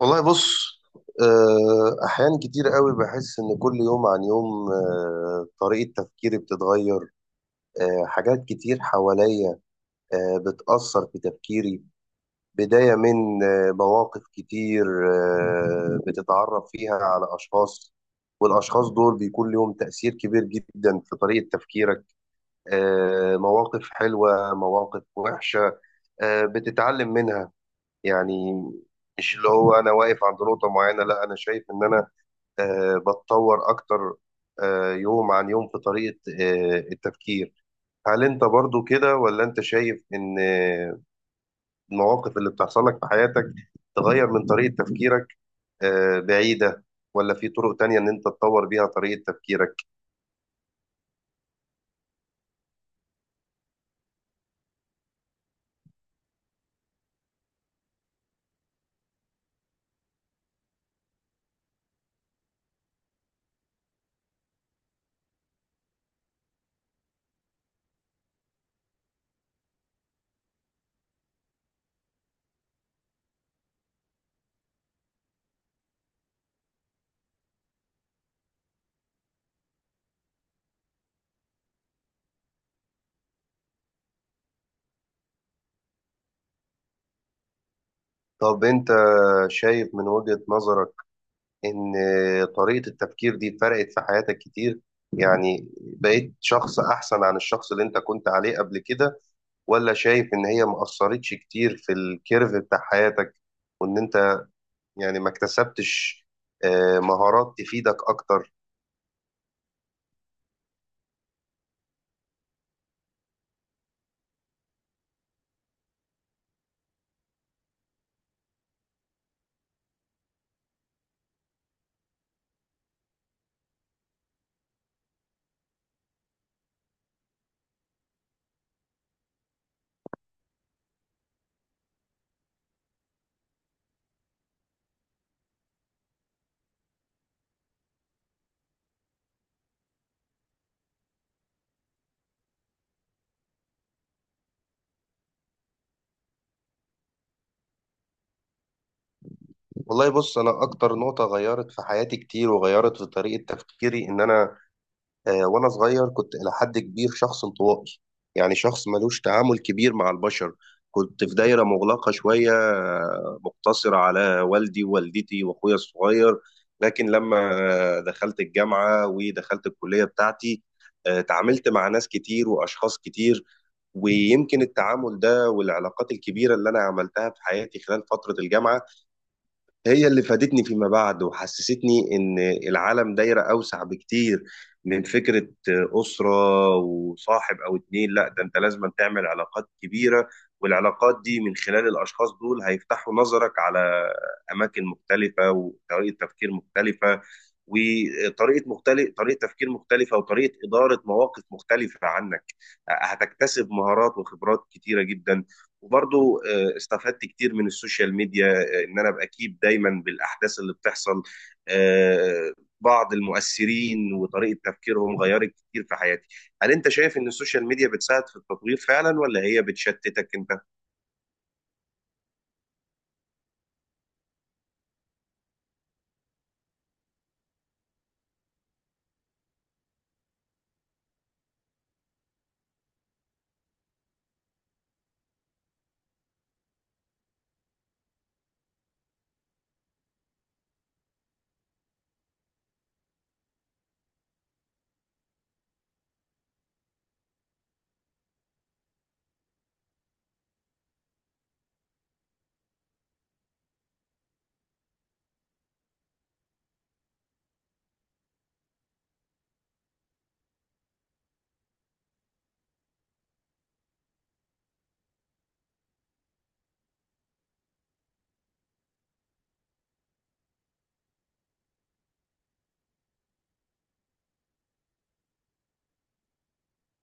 والله بص. أحيان كتير قوي بحس إن كل يوم عن يوم، طريقة تفكيري بتتغير. حاجات كتير حواليا بتأثر في تفكيري، بداية من مواقف كتير بتتعرف فيها على أشخاص، والأشخاص دول بيكون لهم تأثير كبير جدا في طريقة تفكيرك. مواقف حلوة مواقف وحشة بتتعلم منها، يعني مش اللي هو أنا واقف عند نقطة معينة، لا أنا شايف إن أنا بتطور أكتر يوم عن يوم في طريقة التفكير. هل أنت برضو كده ولا أنت شايف إن المواقف اللي بتحصل لك في حياتك تغير من طريقة تفكيرك بعيدة، ولا في طرق تانية إن أنت تطور بيها طريقة تفكيرك؟ طب أنت شايف من وجهة نظرك إن طريقة التفكير دي فرقت في حياتك كتير؟ يعني بقيت شخص أحسن عن الشخص اللي أنت كنت عليه قبل كده، ولا شايف ان هي ما اثرتش كتير في الكيرف بتاع حياتك وان انت يعني ما اكتسبتش مهارات تفيدك اكتر؟ والله بص، انا اكتر نقطة غيرت في حياتي كتير وغيرت في طريقة تفكيري ان انا وانا صغير كنت الى حد كبير شخص انطوائي، يعني شخص ملوش تعامل كبير مع البشر. كنت في دايرة مغلقة شوية، مقتصرة على والدي ووالدتي واخويا الصغير. لكن لما دخلت الجامعة ودخلت الكلية بتاعتي، تعاملت مع ناس كتير واشخاص كتير، ويمكن التعامل ده والعلاقات الكبيرة اللي انا عملتها في حياتي خلال فترة الجامعة هي اللي فادتني فيما بعد وحسستني إن العالم دايرة أوسع بكتير من فكرة أسرة وصاحب أو اتنين. لا ده أنت لازم تعمل علاقات كبيرة، والعلاقات دي من خلال الأشخاص دول هيفتحوا نظرك على أماكن مختلفة وطريقة تفكير مختلفة، وطريقة مختلف طريقة تفكير مختلفة وطريقة إدارة مواقف مختلفة عنك. هتكتسب مهارات وخبرات كتيرة جدا. وبرضو استفدت كتير من السوشيال ميديا، ان انا ابقى اكيد دايما بالاحداث اللي بتحصل. آه، بعض المؤثرين وطريقة تفكيرهم غيرت كتير في حياتي. هل انت شايف ان السوشيال ميديا بتساعد في التطوير فعلا ولا هي بتشتتك انت؟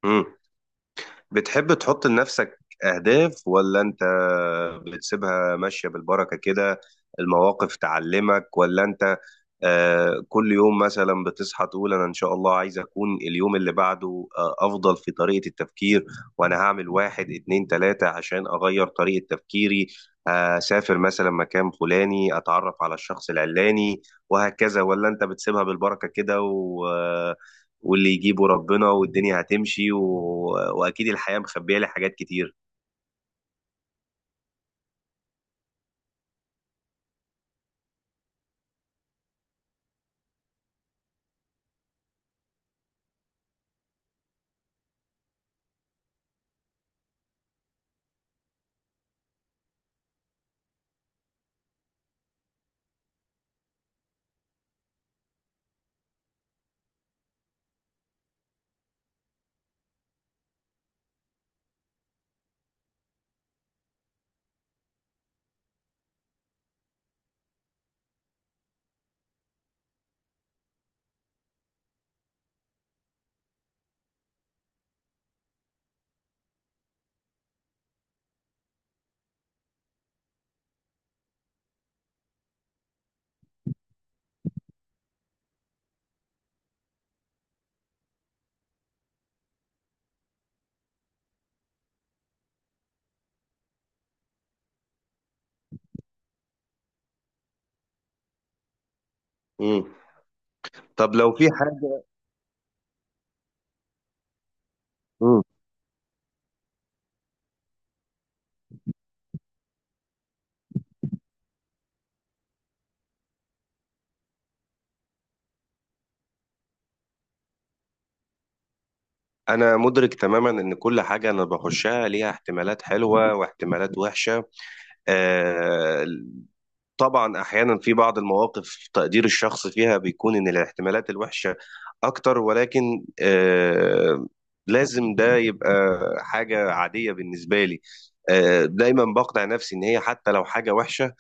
مم. بتحب تحط لنفسك اهداف ولا انت بتسيبها ماشية بالبركة كده؟ المواقف تعلمك ولا انت كل يوم مثلا بتصحى تقول انا ان شاء الله عايز اكون اليوم اللي بعده افضل في طريقة التفكير، وانا هعمل واحد اتنين تلاتة عشان اغير طريقة تفكيري، اسافر مثلا مكان فلاني اتعرف على الشخص العلاني وهكذا؟ ولا انت بتسيبها بالبركة كده و... آه، واللي يجيبه ربنا والدنيا هتمشي. واكيد الحياة مخبية لي حاجات كتير. مم. طب لو في حاجة، أنا مدرك تماما إن كل حاجة أنا بخشها ليها احتمالات حلوة واحتمالات وحشة. آه، طبعا أحيانا في بعض المواقف تقدير الشخص فيها بيكون إن الاحتمالات الوحشة أكتر، ولكن لازم ده يبقى حاجة عادية بالنسبة لي. دايما بقنع نفسي إن هي حتى لو حاجة وحشة،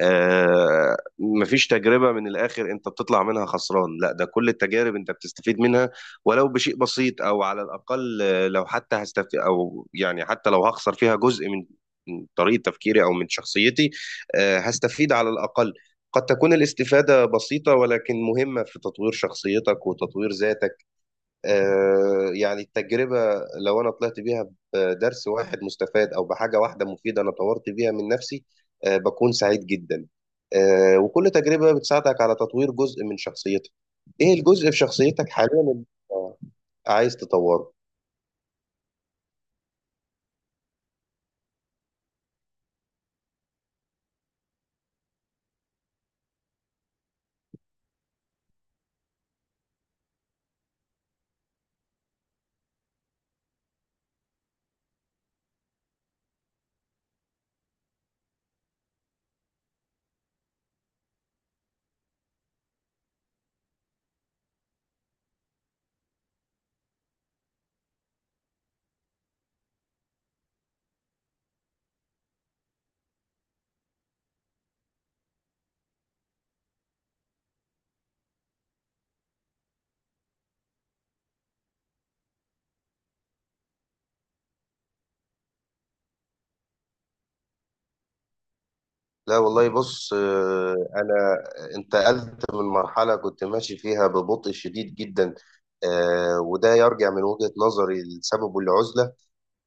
مفيش تجربة من الآخر أنت بتطلع منها خسران. لا ده كل التجارب أنت بتستفيد منها، ولو بشيء بسيط، أو على الأقل لو حتى هستفيد، أو يعني حتى لو هخسر فيها جزء من طريقة تفكيري أو من شخصيتي، هستفيد على الأقل. قد تكون الاستفادة بسيطة ولكن مهمة في تطوير شخصيتك وتطوير ذاتك. يعني التجربة لو أنا طلعت بيها بدرس واحد مستفاد أو بحاجة واحدة مفيدة أنا طورت بيها من نفسي، بكون سعيد جدا. وكل تجربة بتساعدك على تطوير جزء من شخصيتك. إيه الجزء في شخصيتك حاليا اللي أنت عايز تطوره؟ لا والله بص، أنا انتقلت من مرحلة كنت ماشي فيها ببطء شديد جدا، وده يرجع من وجهة نظري لسببه العزلة،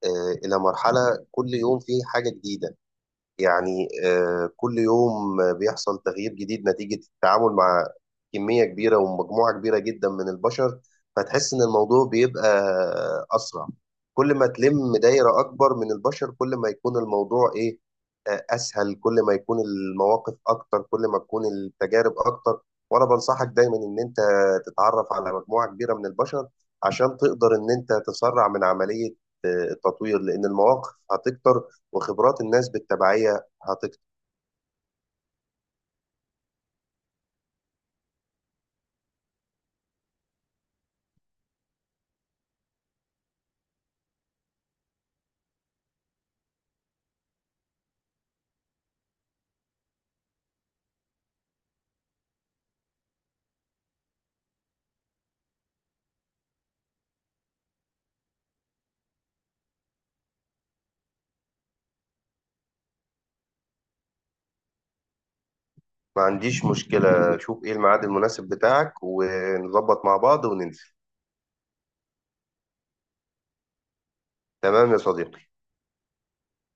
إلى مرحلة كل يوم فيه حاجة جديدة. يعني كل يوم بيحصل تغيير جديد نتيجة التعامل مع كمية كبيرة ومجموعة كبيرة جدا من البشر، فتحس إن الموضوع بيبقى أسرع. كل ما تلم دايرة أكبر من البشر كل ما يكون الموضوع إيه، أسهل. كل ما يكون المواقف أكتر كل ما تكون التجارب أكتر. وأنا بنصحك دايما إن أنت تتعرف على مجموعة كبيرة من البشر عشان تقدر إن أنت تسرع من عملية التطوير، لأن المواقف هتكتر وخبرات الناس بالتبعية هتكتر. ما عنديش مشكلة، شوف ايه الميعاد المناسب بتاعك ونظبط مع بعض وننزل. تمام يا صديقي.